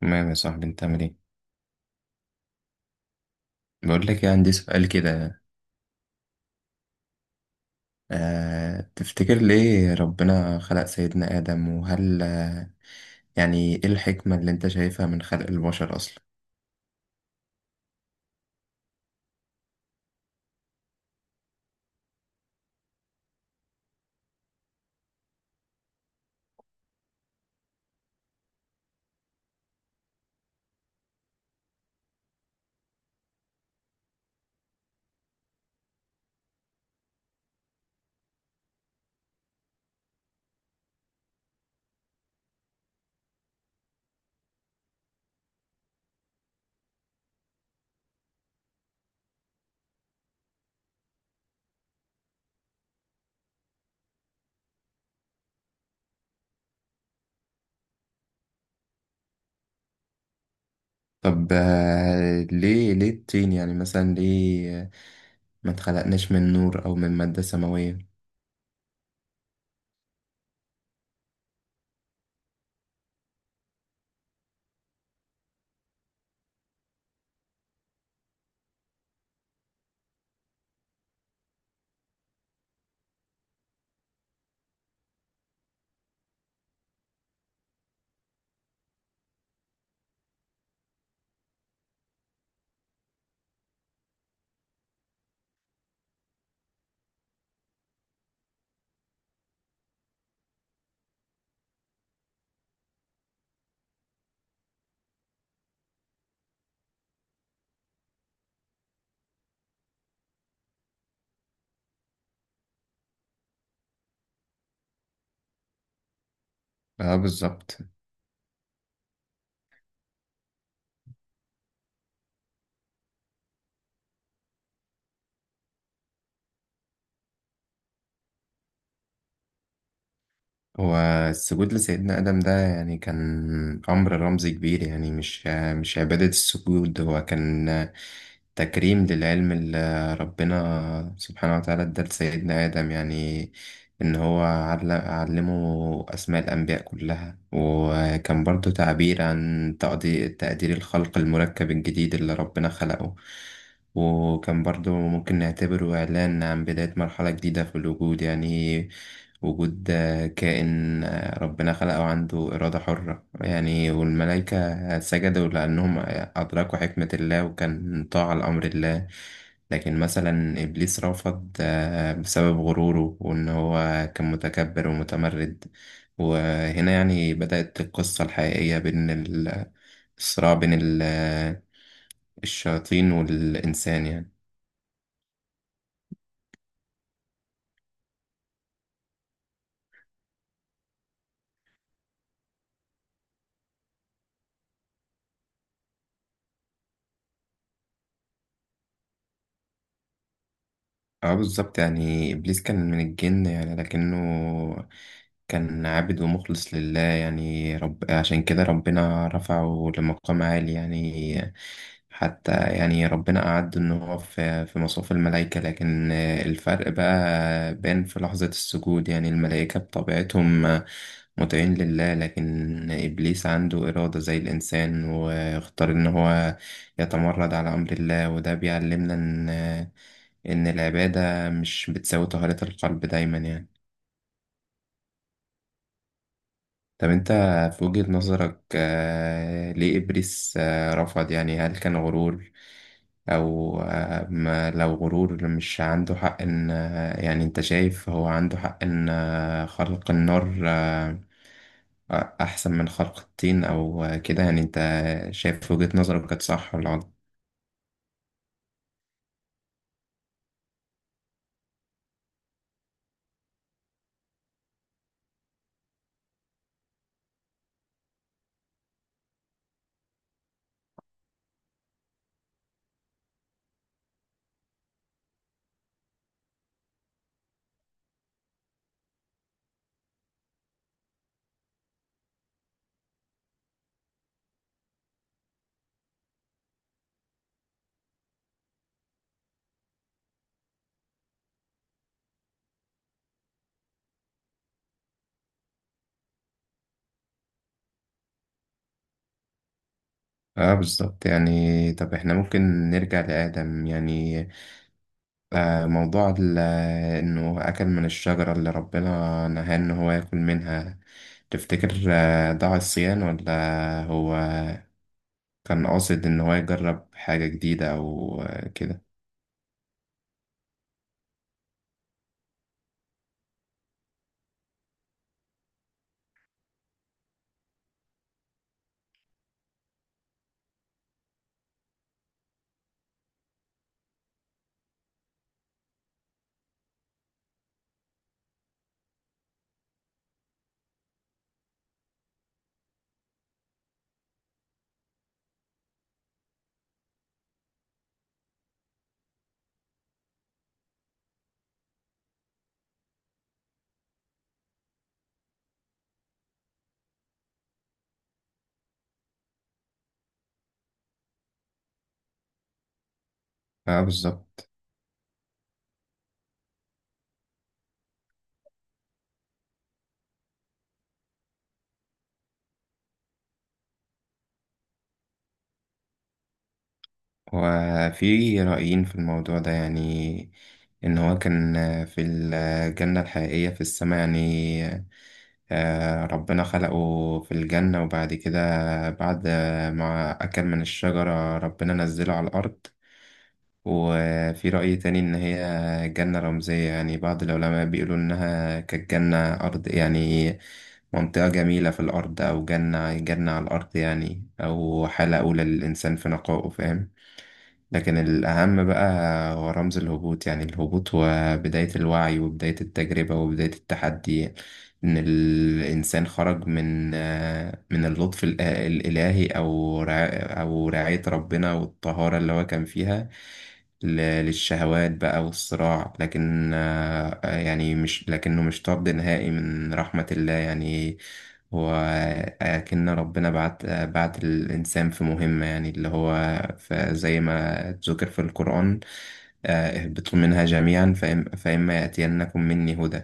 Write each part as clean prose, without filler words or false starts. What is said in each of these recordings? تمام يا صاحبي، انت عامل ايه؟ بقول لك إيه، عندي سؤال كده. تفتكر ليه ربنا خلق سيدنا آدم؟ وهل يعني ايه الحكمة اللي انت شايفها من خلق البشر اصلا؟ طب ليه الطين؟ يعني مثلا ليه ما اتخلقناش من نور او من مادة سماوية؟ اه بالظبط. والسجود لسيدنا آدم ده يعني كان أمر رمزي كبير، يعني مش عبادة، السجود هو كان تكريم للعلم اللي ربنا سبحانه وتعالى ادى لسيدنا آدم، يعني إن هو علمه أسماء الأنبياء كلها، وكان برضو تعبير عن تقدير الخلق المركب الجديد اللي ربنا خلقه. وكان برضو ممكن نعتبره إعلان عن بداية مرحلة جديدة في الوجود، يعني وجود كائن ربنا خلقه عنده إرادة حرة، يعني والملائكة سجدوا لأنهم أدركوا حكمة الله، وكان طاعة لأمر الله. لكن مثلا إبليس رفض بسبب غروره، وإن هو كان متكبر ومتمرد. وهنا يعني بدأت القصة الحقيقية الصراع بين الشياطين والإنسان يعني. اه بالظبط، يعني إبليس كان من الجن يعني، لكنه كان عابد ومخلص لله يعني، رب عشان كده ربنا رفعه لمقام عالي يعني. حتى يعني ربنا أعد إن هو في مصاف الملائكة، لكن الفرق بقى بان في لحظة السجود. يعني الملائكة بطبيعتهم مطيعين لله، لكن إبليس عنده إرادة زي الإنسان، واختار إن هو يتمرد على أمر الله، وده بيعلمنا إن العبادة مش بتساوي طهارة القلب دايما يعني. طب أنت في وجهة نظرك، ليه إبليس رفض؟ يعني هل كان غرور؟ أو ما لو غرور مش عنده حق إن يعني أنت شايف هو عنده حق إن خلق النار أحسن من خلق الطين أو كده؟ يعني أنت شايف في وجهة نظرك كانت صح ولا غلط؟ اه بالظبط، يعني طب احنا ممكن نرجع لآدم يعني، موضوع إنه أكل من الشجرة اللي ربنا نهاه إن هو ياكل منها. تفتكر ضاع الصيان؟ ولا هو كان قاصد إن هو يجرب حاجة جديدة أو كده؟ اه بالظبط. وفي رأيين في الموضوع ده يعني، إن هو كان في الجنة الحقيقية في السماء يعني. ربنا خلقه في الجنة، وبعد كده بعد ما أكل من الشجرة ربنا نزله على الأرض. وفي رأي تاني إن هي جنة رمزية، يعني بعض العلماء بيقولوا إنها كانت جنة أرض يعني، منطقة جميلة في الأرض، أو جنة على الأرض يعني، أو حالة أولى للإنسان في نقائه، فاهم؟ لكن الأهم بقى هو رمز الهبوط، يعني الهبوط هو بداية الوعي وبداية التجربة وبداية التحدي، إن الإنسان خرج من اللطف الإلهي أو رعاية ربنا والطهارة اللي هو كان فيها ل- للشهوات بقى والصراع. لكن يعني مش لكنه مش طرد نهائي من رحمة الله يعني، هو أكن ربنا بعت الإنسان في مهمة، يعني اللي هو زي ما ذكر في القرآن، اهبطوا منها جميعا فإما يأتينكم مني هدى.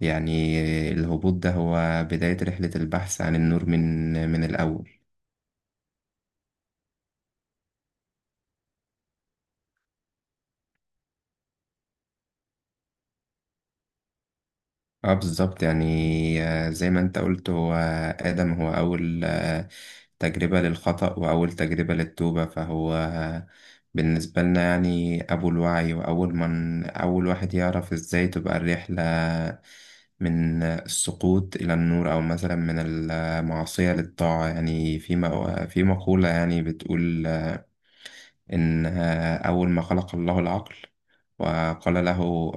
يعني الهبوط ده هو بداية رحلة البحث عن النور من الأول. اه بالظبط، يعني زي ما انت قلت هو آدم هو أول تجربة للخطأ وأول تجربة للتوبة، فهو بالنسبة لنا يعني أبو الوعي، وأول من أول واحد يعرف إزاي تبقى الرحلة من السقوط إلى النور، أو مثلا من المعصية للطاعة. يعني في في مقولة يعني بتقول إن أول ما خلق الله العقل وقال له،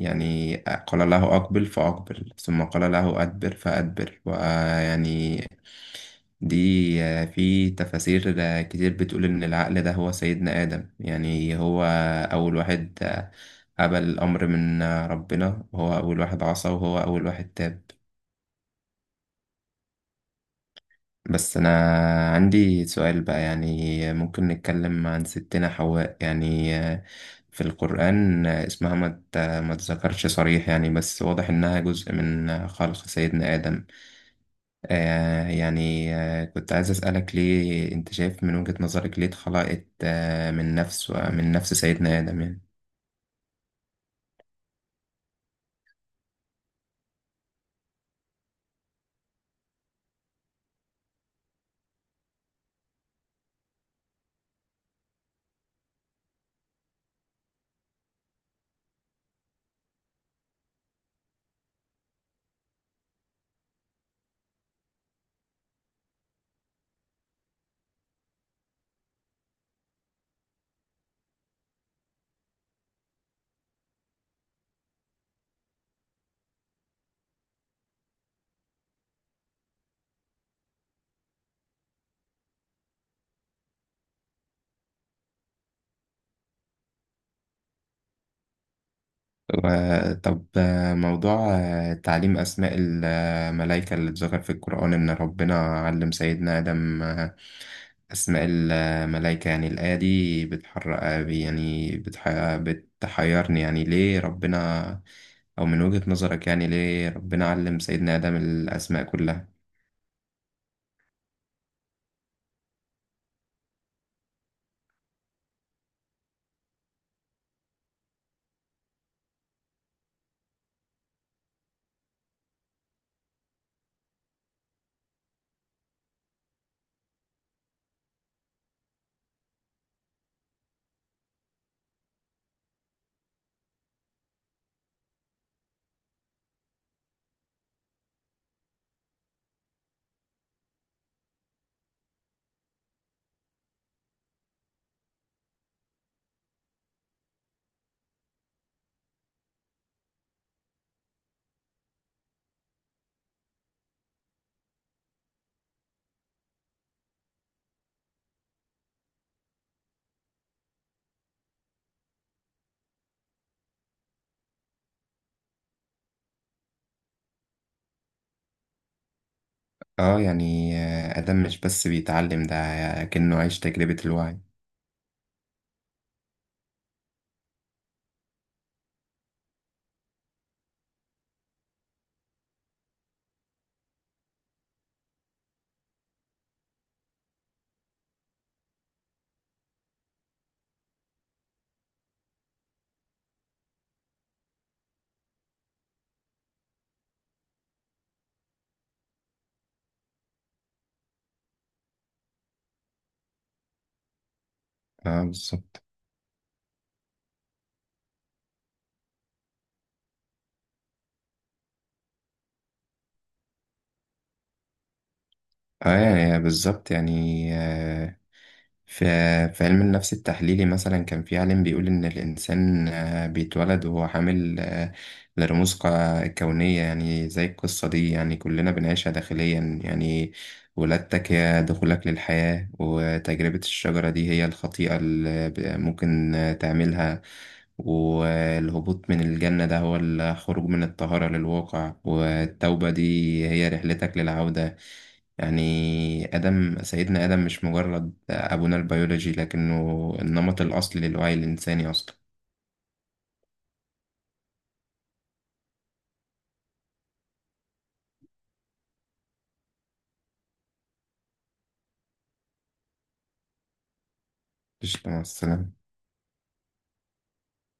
يعني قال له أقبل فأقبل، ثم قال له أدبر فأدبر. ويعني دي في تفاسير كتير بتقول إن العقل ده هو سيدنا آدم، يعني هو أول واحد قبل الأمر من ربنا، وهو أول واحد عصى، وهو أول واحد تاب. بس أنا عندي سؤال بقى يعني، ممكن نتكلم عن ستنا حواء يعني. في القرآن اسمها ما تذكرش صريح يعني، بس واضح إنها جزء من خلق سيدنا آدم. يعني كنت عايز أسألك ليه أنت شايف من وجهة نظرك ليه اتخلقت من نفس سيدنا آدم يعني. طب موضوع تعليم أسماء الملائكة اللي اتذكر في القرآن إن ربنا علم سيدنا آدم أسماء الملائكة، يعني الآية دي بتحرق يعني بتحيرني، يعني ليه ربنا، أو من وجهة نظرك يعني ليه ربنا علم سيدنا آدم الأسماء كلها؟ اه يعني آدم مش بس بيتعلم ده، كأنه عايش تجربة الوعي. اه بالظبط. اه يعني بالظبط يعني، في في علم النفس التحليلي مثلا كان في عالم بيقول إن الإنسان بيتولد وهو حامل لرموز كونية، يعني زي القصة دي يعني كلنا بنعيشها داخليا يعني. ولادتك هي دخولك للحياة، وتجربة الشجرة دي هي الخطيئة اللي ممكن تعملها، والهبوط من الجنة ده هو الخروج من الطهارة للواقع، والتوبة دي هي رحلتك للعودة. يعني سيدنا آدم مش مجرد أبونا البيولوجي، لكنه النمط الأصلي للوعي الإنساني أصلا. قشطة، مع السلامة.